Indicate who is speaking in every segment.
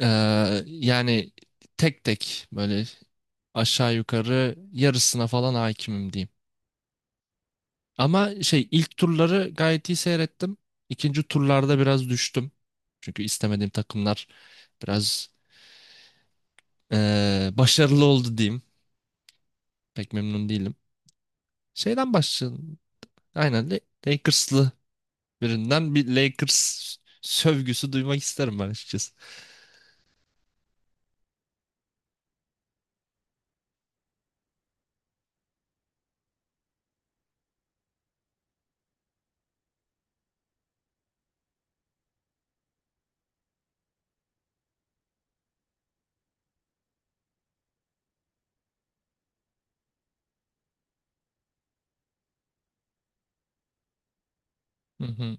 Speaker 1: Yani tek tek böyle aşağı yukarı yarısına falan hakimim diyeyim. Ama şey ilk turları gayet iyi seyrettim. İkinci turlarda biraz düştüm. Çünkü istemediğim takımlar biraz başarılı oldu diyeyim. Pek memnun değilim. Şeyden başlayalım. Aynen Lakers'lı birinden bir Lakers sövgüsü duymak isterim ben açıkçası. Hı hı.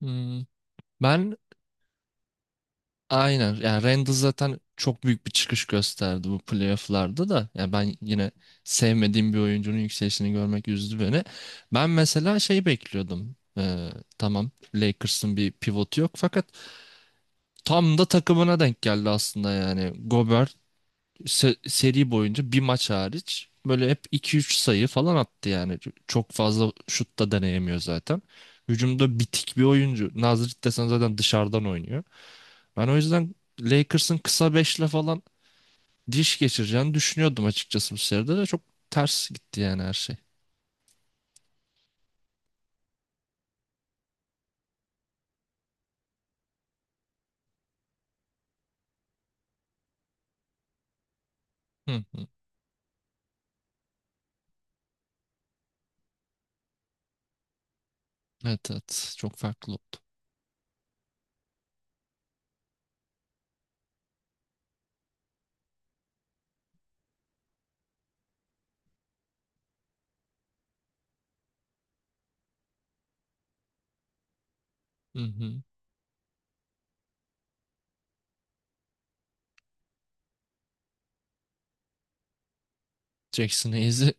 Speaker 1: Hmm. Ben Aynen. Yani Randall zaten çok büyük bir çıkış gösterdi bu playoff'larda da. Yani ben yine sevmediğim bir oyuncunun yükselişini görmek üzdü beni. Ben mesela şey bekliyordum. Tamam, Lakers'ın bir pivotu yok fakat tam da takımına denk geldi aslında yani. Gobert seri boyunca bir maç hariç böyle hep iki üç sayı falan attı yani. Çok fazla şut da deneyemiyor zaten. Hücumda bitik bir oyuncu. Nazrit desen zaten dışarıdan oynuyor. Ben o yüzden Lakers'ın kısa beşle falan diş geçireceğini düşünüyordum açıkçası, bu seride de çok ters gitti yani her şey. Hı hı. Evet, evet, çok farklı oldu. Hı hı. Jackson Hayes'i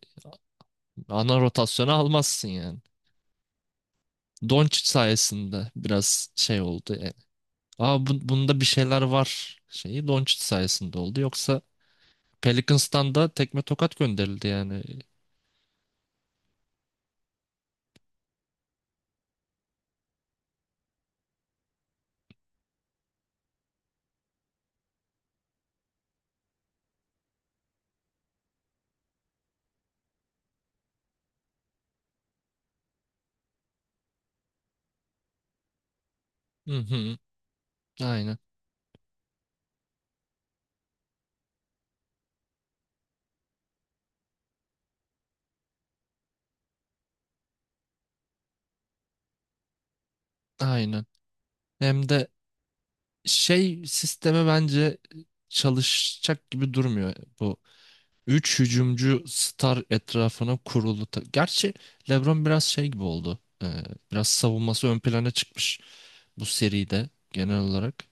Speaker 1: ana rotasyona almazsın yani. Doncic sayesinde biraz şey oldu yani. Aa, bunda bir şeyler var, şeyi Doncic sayesinde oldu. Yoksa Pelicans'tan da tekme tokat gönderildi yani. Hı hı. Aynen, aynen. Hem de şey sisteme bence çalışacak gibi durmuyor bu. Üç hücumcu star etrafına kurulu. Gerçi LeBron biraz şey gibi oldu. Biraz savunması ön plana çıkmış bu seride genel olarak.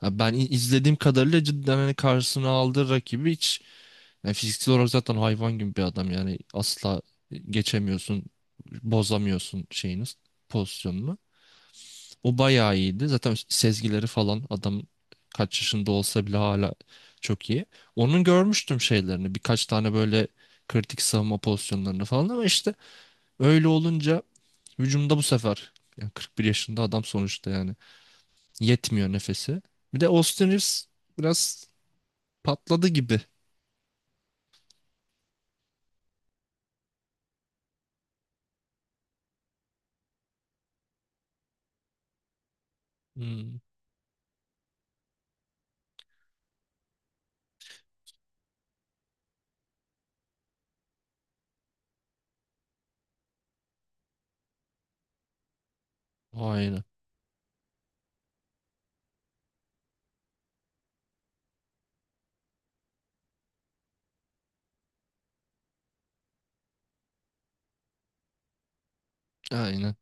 Speaker 1: Ha, ben izlediğim kadarıyla cidden hani karşısına aldığı rakibi hiç, yani fiziksel olarak zaten hayvan gibi bir adam yani, asla geçemiyorsun, bozamıyorsun şeyiniz pozisyonunu. O bayağı iyiydi. Zaten sezgileri falan adam kaç yaşında olsa bile hala çok iyi. Onun görmüştüm şeylerini. Birkaç tane böyle kritik savunma pozisyonlarını falan, ama işte öyle olunca hücumda bu sefer yani 41 yaşında adam sonuçta yani, yetmiyor nefesi. Bir de Austin Reeves biraz patladı gibi. Hmm, aynen. Aynen.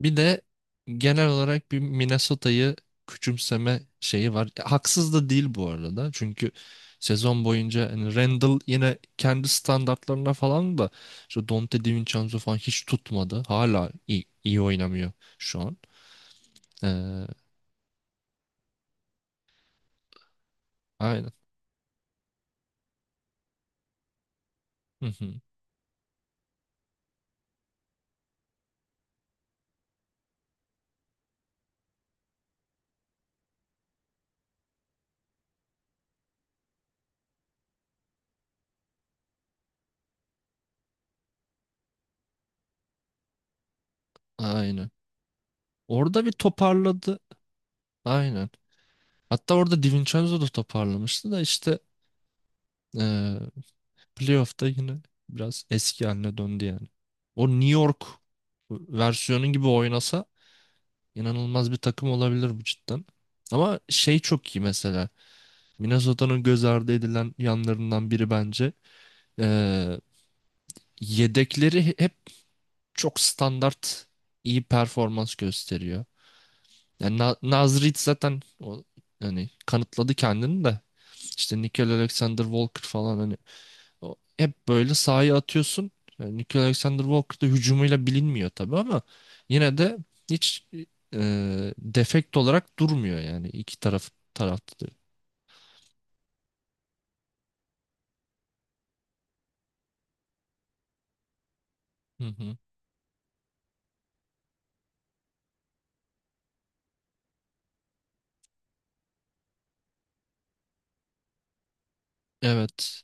Speaker 1: Bir de genel olarak bir Minnesota'yı küçümseme şeyi var. Haksız da değil bu arada. Çünkü sezon boyunca hani Randall yine kendi standartlarına falan da işte Dante DiVincenzo falan hiç tutmadı. Hala iyi oynamıyor şu an. Ee, aynen. Hı hı. Aynen. Orada bir toparladı. Aynen. Hatta orada DiVincenzo da toparlamıştı da işte, ee, playoff'ta yine biraz eski haline döndü yani. O New York versiyonu gibi oynasa inanılmaz bir takım olabilir bu cidden. Ama şey çok iyi mesela. Minnesota'nın göz ardı edilen yanlarından biri bence. Ee, Yedekleri hep çok standart iyi performans gösteriyor. Yani Naz Reed zaten o, hani kanıtladı kendini de. İşte Nickel Alexander Walker falan hani, o hep böyle sahaya atıyorsun. Yani Nikola Alexander Walker da hücumuyla bilinmiyor tabii ama yine de hiç e, defekt olarak durmuyor yani iki taraf tarafta da. Hı hı. Evet.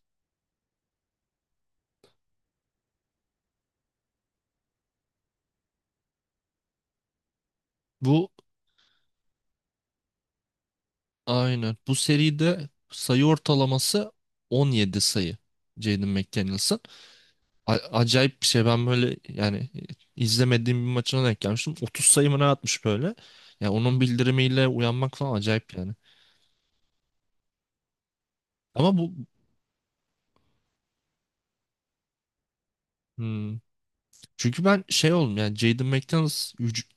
Speaker 1: Bu aynen. Bu seride sayı ortalaması 17 sayı. Jaden McDaniels'ın. Acayip bir şey. Ben böyle yani izlemediğim bir maçına denk gelmiştim. 30 sayı mı ne atmış böyle. Ya onun bildirimiyle uyanmak falan acayip yani. Ama bu, hmm. Çünkü ben şey oldum yani Jaden McDaniels,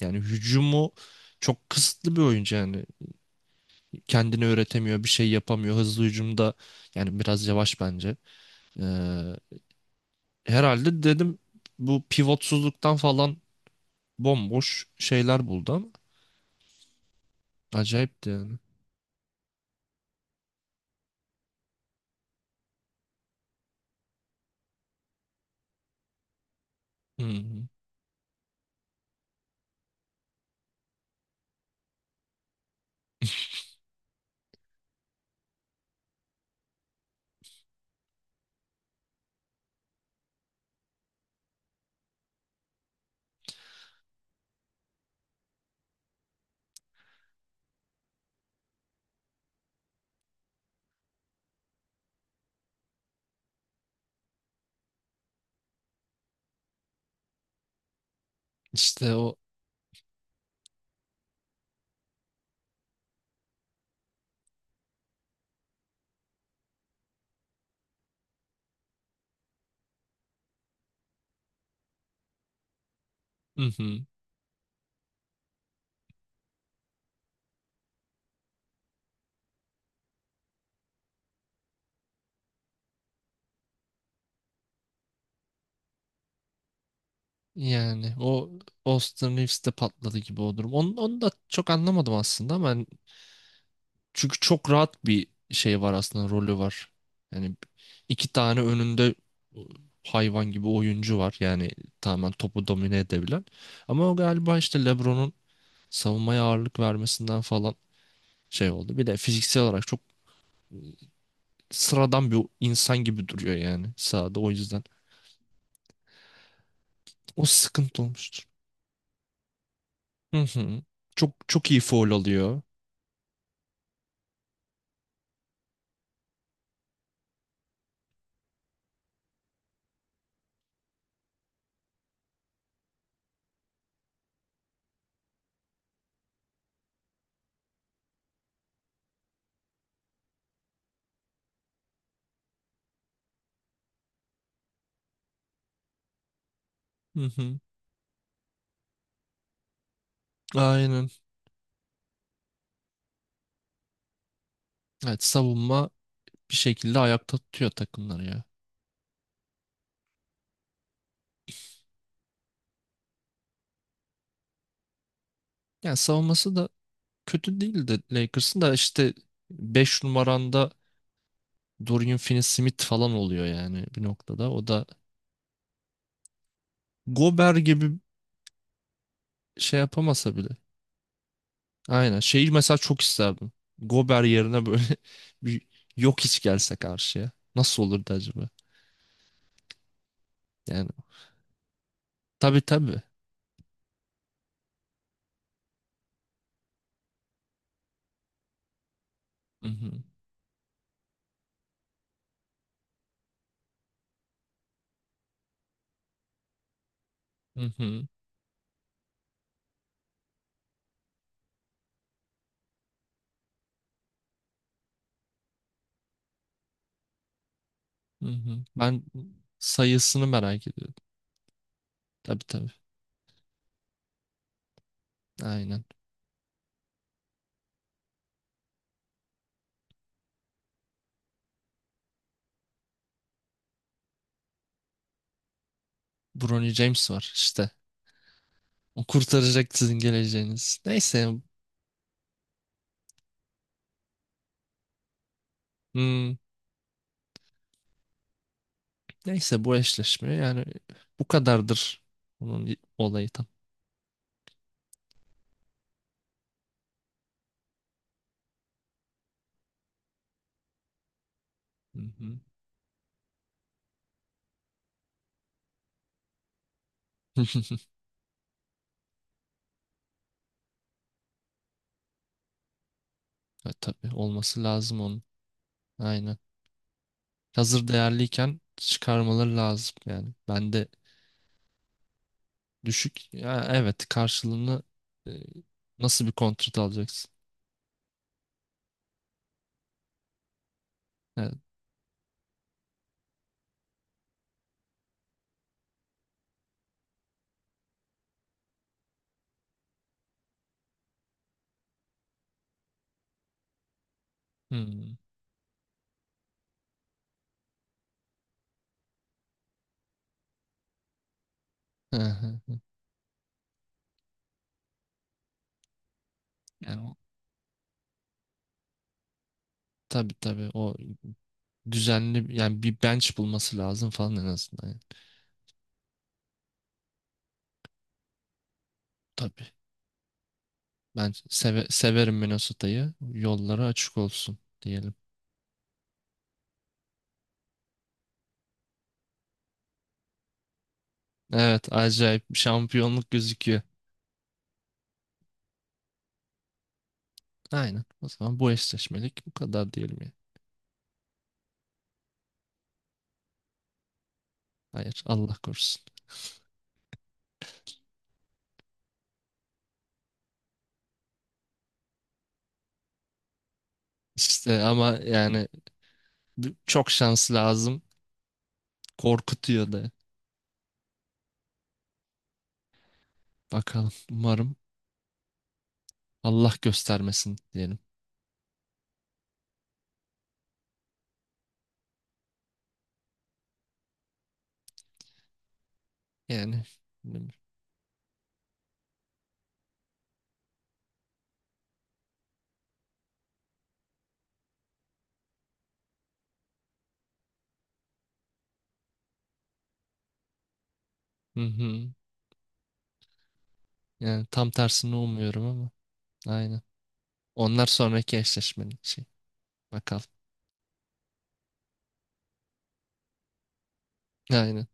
Speaker 1: yani hücumu çok kısıtlı bir oyuncu yani. Kendini öğretemiyor, bir şey yapamıyor. Hızlı hücumda yani biraz yavaş bence. Ee, Herhalde dedim bu pivotsuzluktan falan bomboş şeyler buldu ama acayipti yani. Hı hı. İşte o, hı hı. Yani o Austin Reeves'te patladı gibi o durum. Onu da çok anlamadım aslında ama hani, çünkü çok rahat bir şey var aslında, rolü var. Yani iki tane önünde e, hayvan gibi oyuncu var. Yani tamamen topu domine edebilen. Ama o galiba işte LeBron'un savunmaya ağırlık vermesinden falan şey oldu. Bir de fiziksel olarak çok sıradan bir insan gibi duruyor yani sahada o yüzden. O sıkıntı olmuştur. Hı hı. Çok çok iyi faul alıyor. Hı hı. Aynen. Evet, savunma bir şekilde ayakta tutuyor takımları ya. Yani savunması da kötü değildi Lakers'ın da, işte 5 numaranda Dorian Finney-Smith falan oluyor yani bir noktada. O da Gober gibi şey yapamasa bile. Aynen. Şeyi mesela çok isterdim. Gober yerine böyle bir yok hiç gelse karşıya. Nasıl olurdu acaba? Yani tabii, tabii. Hı hı, hı hı, hı hı. Ben sayısını merak ediyorum. Tabii, tabii. Aynen. Bronny James var işte. O kurtaracak sizin geleceğiniz. Neyse. hmm, Neyse, bu eşleşme yani bu kadardır onun olayı tam. Hı hı. Tabii, olması lazım onun. Aynen. Hazır değerliyken çıkarmaları lazım yani. Ben de düşük. Ya, evet, karşılığını e, nasıl bir kontrat alacaksın? Evet. Hmm. Hı hı. Yani o, tabii, tabii, o düzenli yani bir bench bulması lazım falan en azından. Yani. Tabii. Ben severim Minnesota'yı. Yolları açık olsun diyelim. Evet, acayip bir şampiyonluk gözüküyor. Aynen. O zaman bu eşleşmelik bu kadar diyelim ya. Hayır, Allah korusun. İşte ama yani çok şans lazım. Korkutuyor da. Bakalım, umarım Allah göstermesin diyelim. Yani bilmiyorum. Hı hı. Yani tam tersini umuyorum ama. Aynen. Onlar sonraki eşleşmenin şey. Bakalım. Aynen.